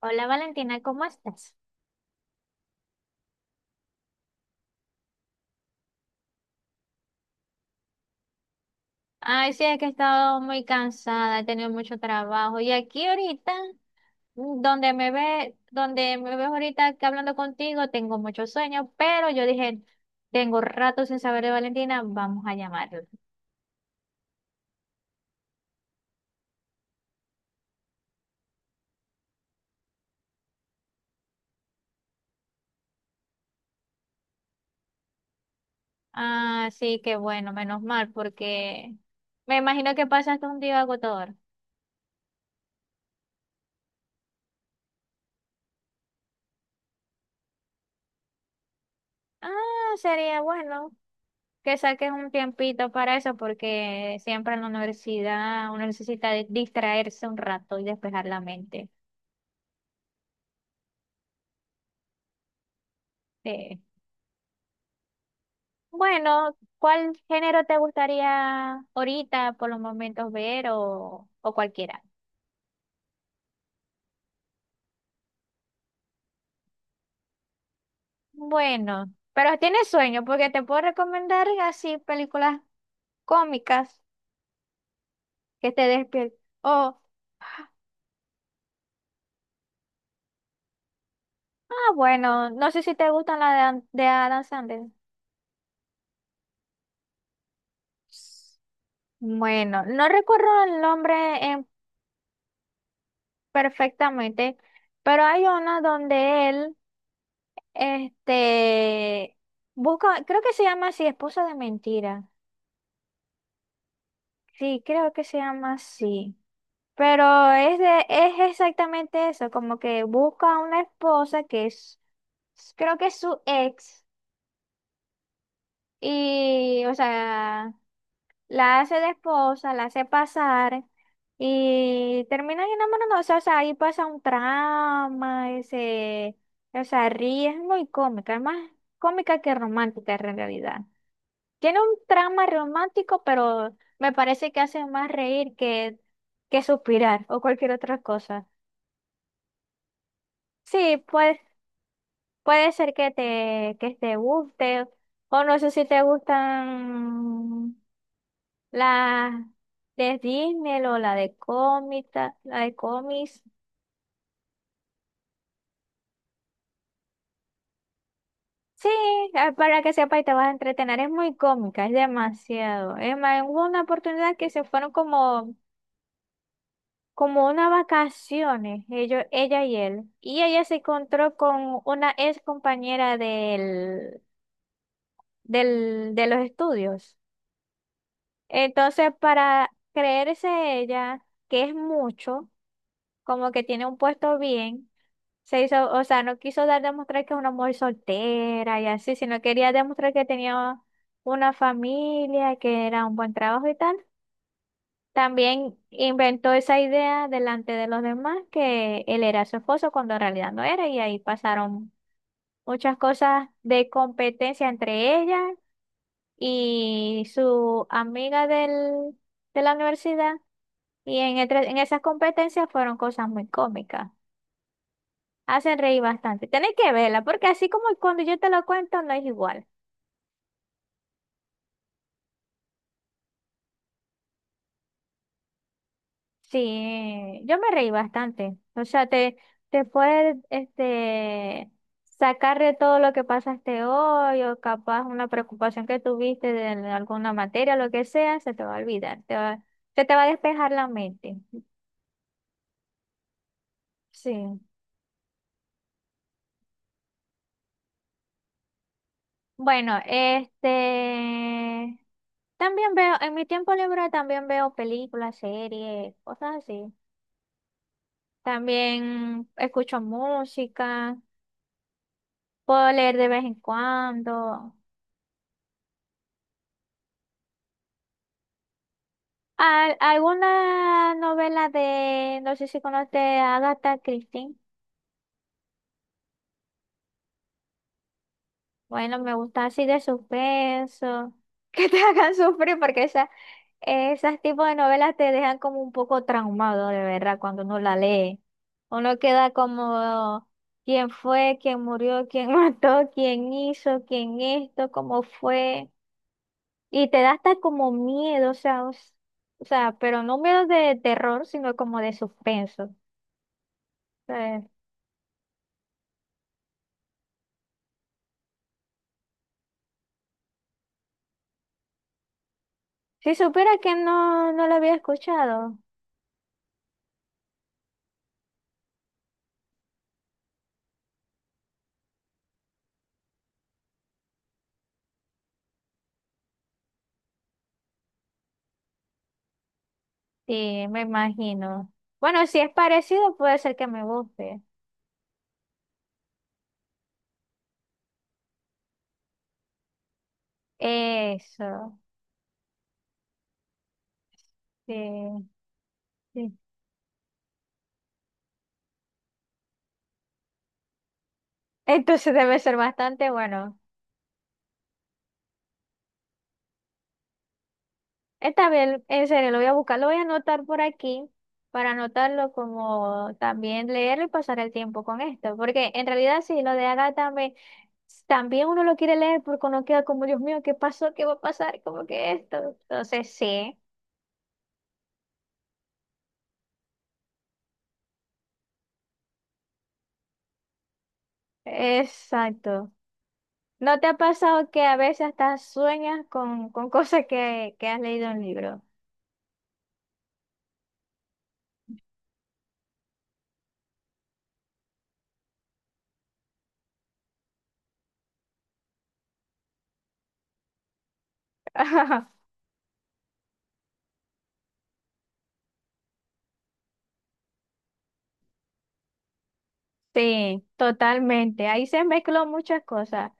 Hola Valentina, ¿cómo estás? Ay, sí, es que he estado muy cansada, he tenido mucho trabajo. Y aquí ahorita, donde me ve, donde me ves ahorita que hablando contigo, tengo mucho sueño, pero yo dije, tengo rato sin saber de Valentina, vamos a llamarla. Ah, sí, qué bueno, menos mal, porque me imagino que pasaste un día agotador. Ah, sería bueno que saques un tiempito para eso, porque siempre en la universidad uno necesita distraerse un rato y despejar la mente. Sí. Bueno, ¿cuál género te gustaría ahorita por los momentos ver o cualquiera? Bueno, pero tienes sueño, porque te puedo recomendar así películas cómicas que te despierten. O, ah, bueno, no sé si te gustan las de Adam Sandler. Bueno, no recuerdo el nombre en perfectamente, pero hay una donde él, este, busca, creo que se llama así, Esposa de Mentira. Sí, creo que se llama así. Pero es exactamente eso, como que busca a una esposa que es, creo que es su ex, y, o sea, la hace de esposa, la hace pasar y terminan enamorándose. O sea, ahí pasa un trama, ese, o sea, ríe, es muy cómica, es más cómica que romántica en realidad. Tiene un trama romántico, pero me parece que hace más reír que suspirar o cualquier otra cosa. Sí, pues puede ser que que te guste, o no sé si te gustan La de Disney o la de cómica, la de cómics. Sí, ah, para que sepa y te vas a entretener. Es muy cómica, es demasiado. Es más, hubo una oportunidad que se fueron como, como unas vacaciones, ellos, ella y él. Y ella se encontró con una ex compañera de los estudios. Entonces, para creerse ella, que es mucho, como que tiene un puesto bien. Se hizo, o sea, no quiso dar demostrar que es una mujer soltera y así, sino quería demostrar que tenía una familia, que era un buen trabajo y tal. También inventó esa idea delante de los demás que él era su esposo cuando en realidad no era y ahí pasaron muchas cosas de competencia entre ella y su amiga de la universidad y en esas competencias fueron cosas muy cómicas. Hacen reír bastante. Tenéis que verla, porque así como cuando yo te lo cuento, no es igual. Sí, yo me reí bastante. O sea, te puedes sacar de todo lo que pasaste hoy, o capaz una preocupación que tuviste de alguna materia, lo que sea, se te va a olvidar. Se te va a despejar la mente. Sí. Bueno, También veo, en mi tiempo libre también veo películas, series, cosas así. También escucho música, puedo leer de vez en cuando. Alguna novela de, no sé si conoce a Agatha Christie. Bueno, me gusta así de suspenso, que te hagan sufrir porque esa, esas tipos de novelas te dejan como un poco traumado, de verdad, cuando uno la lee. Uno queda como quién fue, quién murió, quién mató, quién hizo, quién esto, cómo fue. Y te da hasta como miedo, o sea, o sea, pero no miedo de terror, sino como de suspenso. Eh, si supiera que no lo había escuchado, sí, me imagino. Bueno, si es parecido, puede ser que me guste. Eso, sí, sí. Entonces debe ser bastante bueno. Esta vez, en serio, lo voy a buscar, lo voy a anotar por aquí para anotarlo como también leerlo y pasar el tiempo con esto, porque en realidad sí, lo de Agatha me- también uno lo quiere leer porque uno queda como, Dios mío, ¿qué pasó? ¿Qué va a pasar? ¿Como que esto? Entonces sí, exacto. ¿No te ha pasado que a veces hasta sueñas con cosas que has leído en un libro? Sí, totalmente. Ahí se mezcló muchas cosas.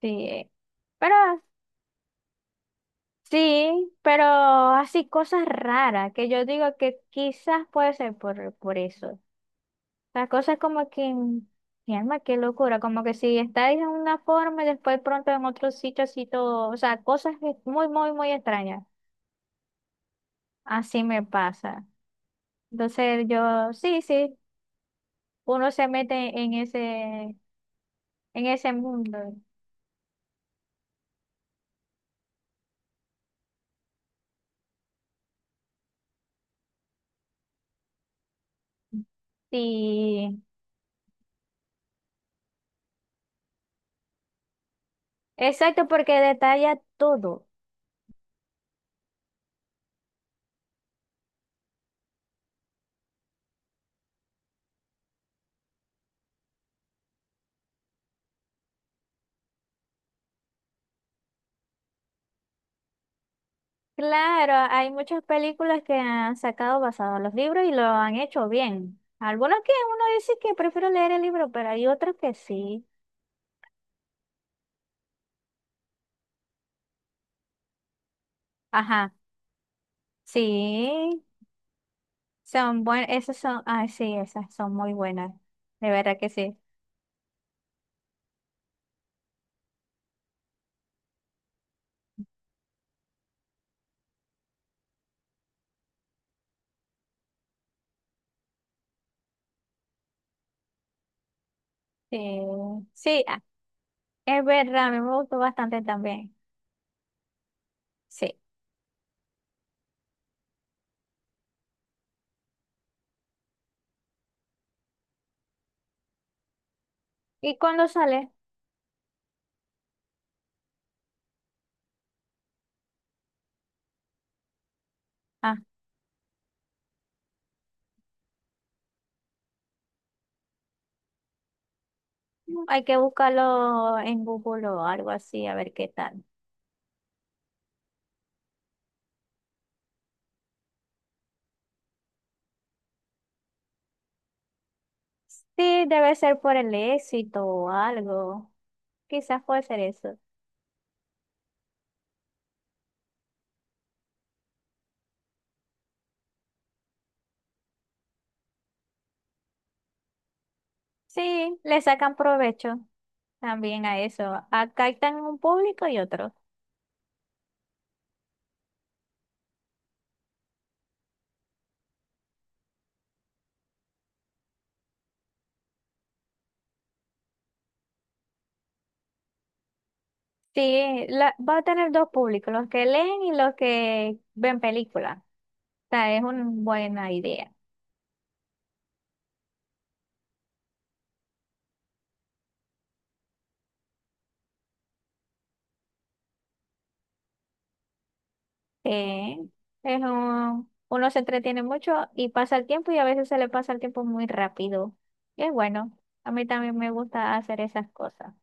Sí. Pero sí, pero así cosas raras que yo digo que quizás puede ser por eso. Las cosas como que, mi alma, qué locura, como que si estáis en una forma y después pronto en otro sitio así todo, o sea, cosas que- muy, muy, muy extrañas. Así me pasa. Entonces yo, sí, sí, uno se mete en ese mundo. Sí, exacto, porque detalla todo. Claro, hay muchas películas que han sacado basados en los libros y lo han hecho bien. Algunos que uno dice que prefiero leer el libro, pero hay otros que sí. Ajá, sí, son buenas, esas son, ah, sí, esas son muy buenas, de verdad que sí. Sí, sí, ah, es verdad, a mí me gustó bastante también. Sí. ¿Y cuándo sale? Ah, hay que buscarlo en Google o algo así, a ver qué tal. Sí, debe ser por el éxito o algo. Quizás puede ser eso. Sí, le sacan provecho también a eso. Acá están un público y otro. Sí, va a tener dos públicos, los que leen y los que ven películas. O sea, es una buena idea. Eh, es uno se entretiene mucho y pasa el tiempo y a veces se le pasa el tiempo muy rápido. Y es bueno. A mí también me gusta hacer esas cosas.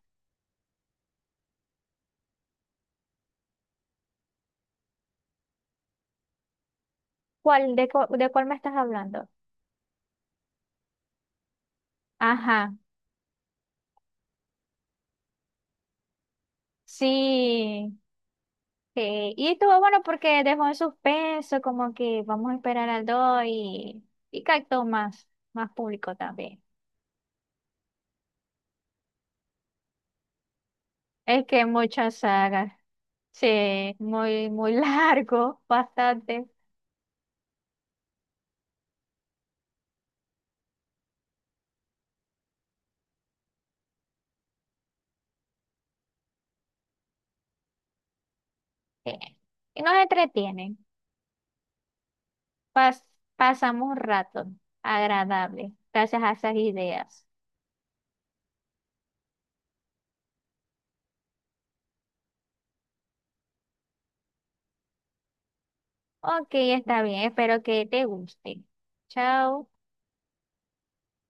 ¿ De cuál me estás hablando? Ajá, sí, sí, y estuvo bueno porque dejó en suspenso, como que vamos a esperar al 2 y captó más, más público también. Es que muchas sagas, sí, muy, muy largo, bastante. Sí. Y nos entretienen, pas- pasamos un rato agradable, gracias a esas ideas. Ok, está bien, espero que te guste. Chao.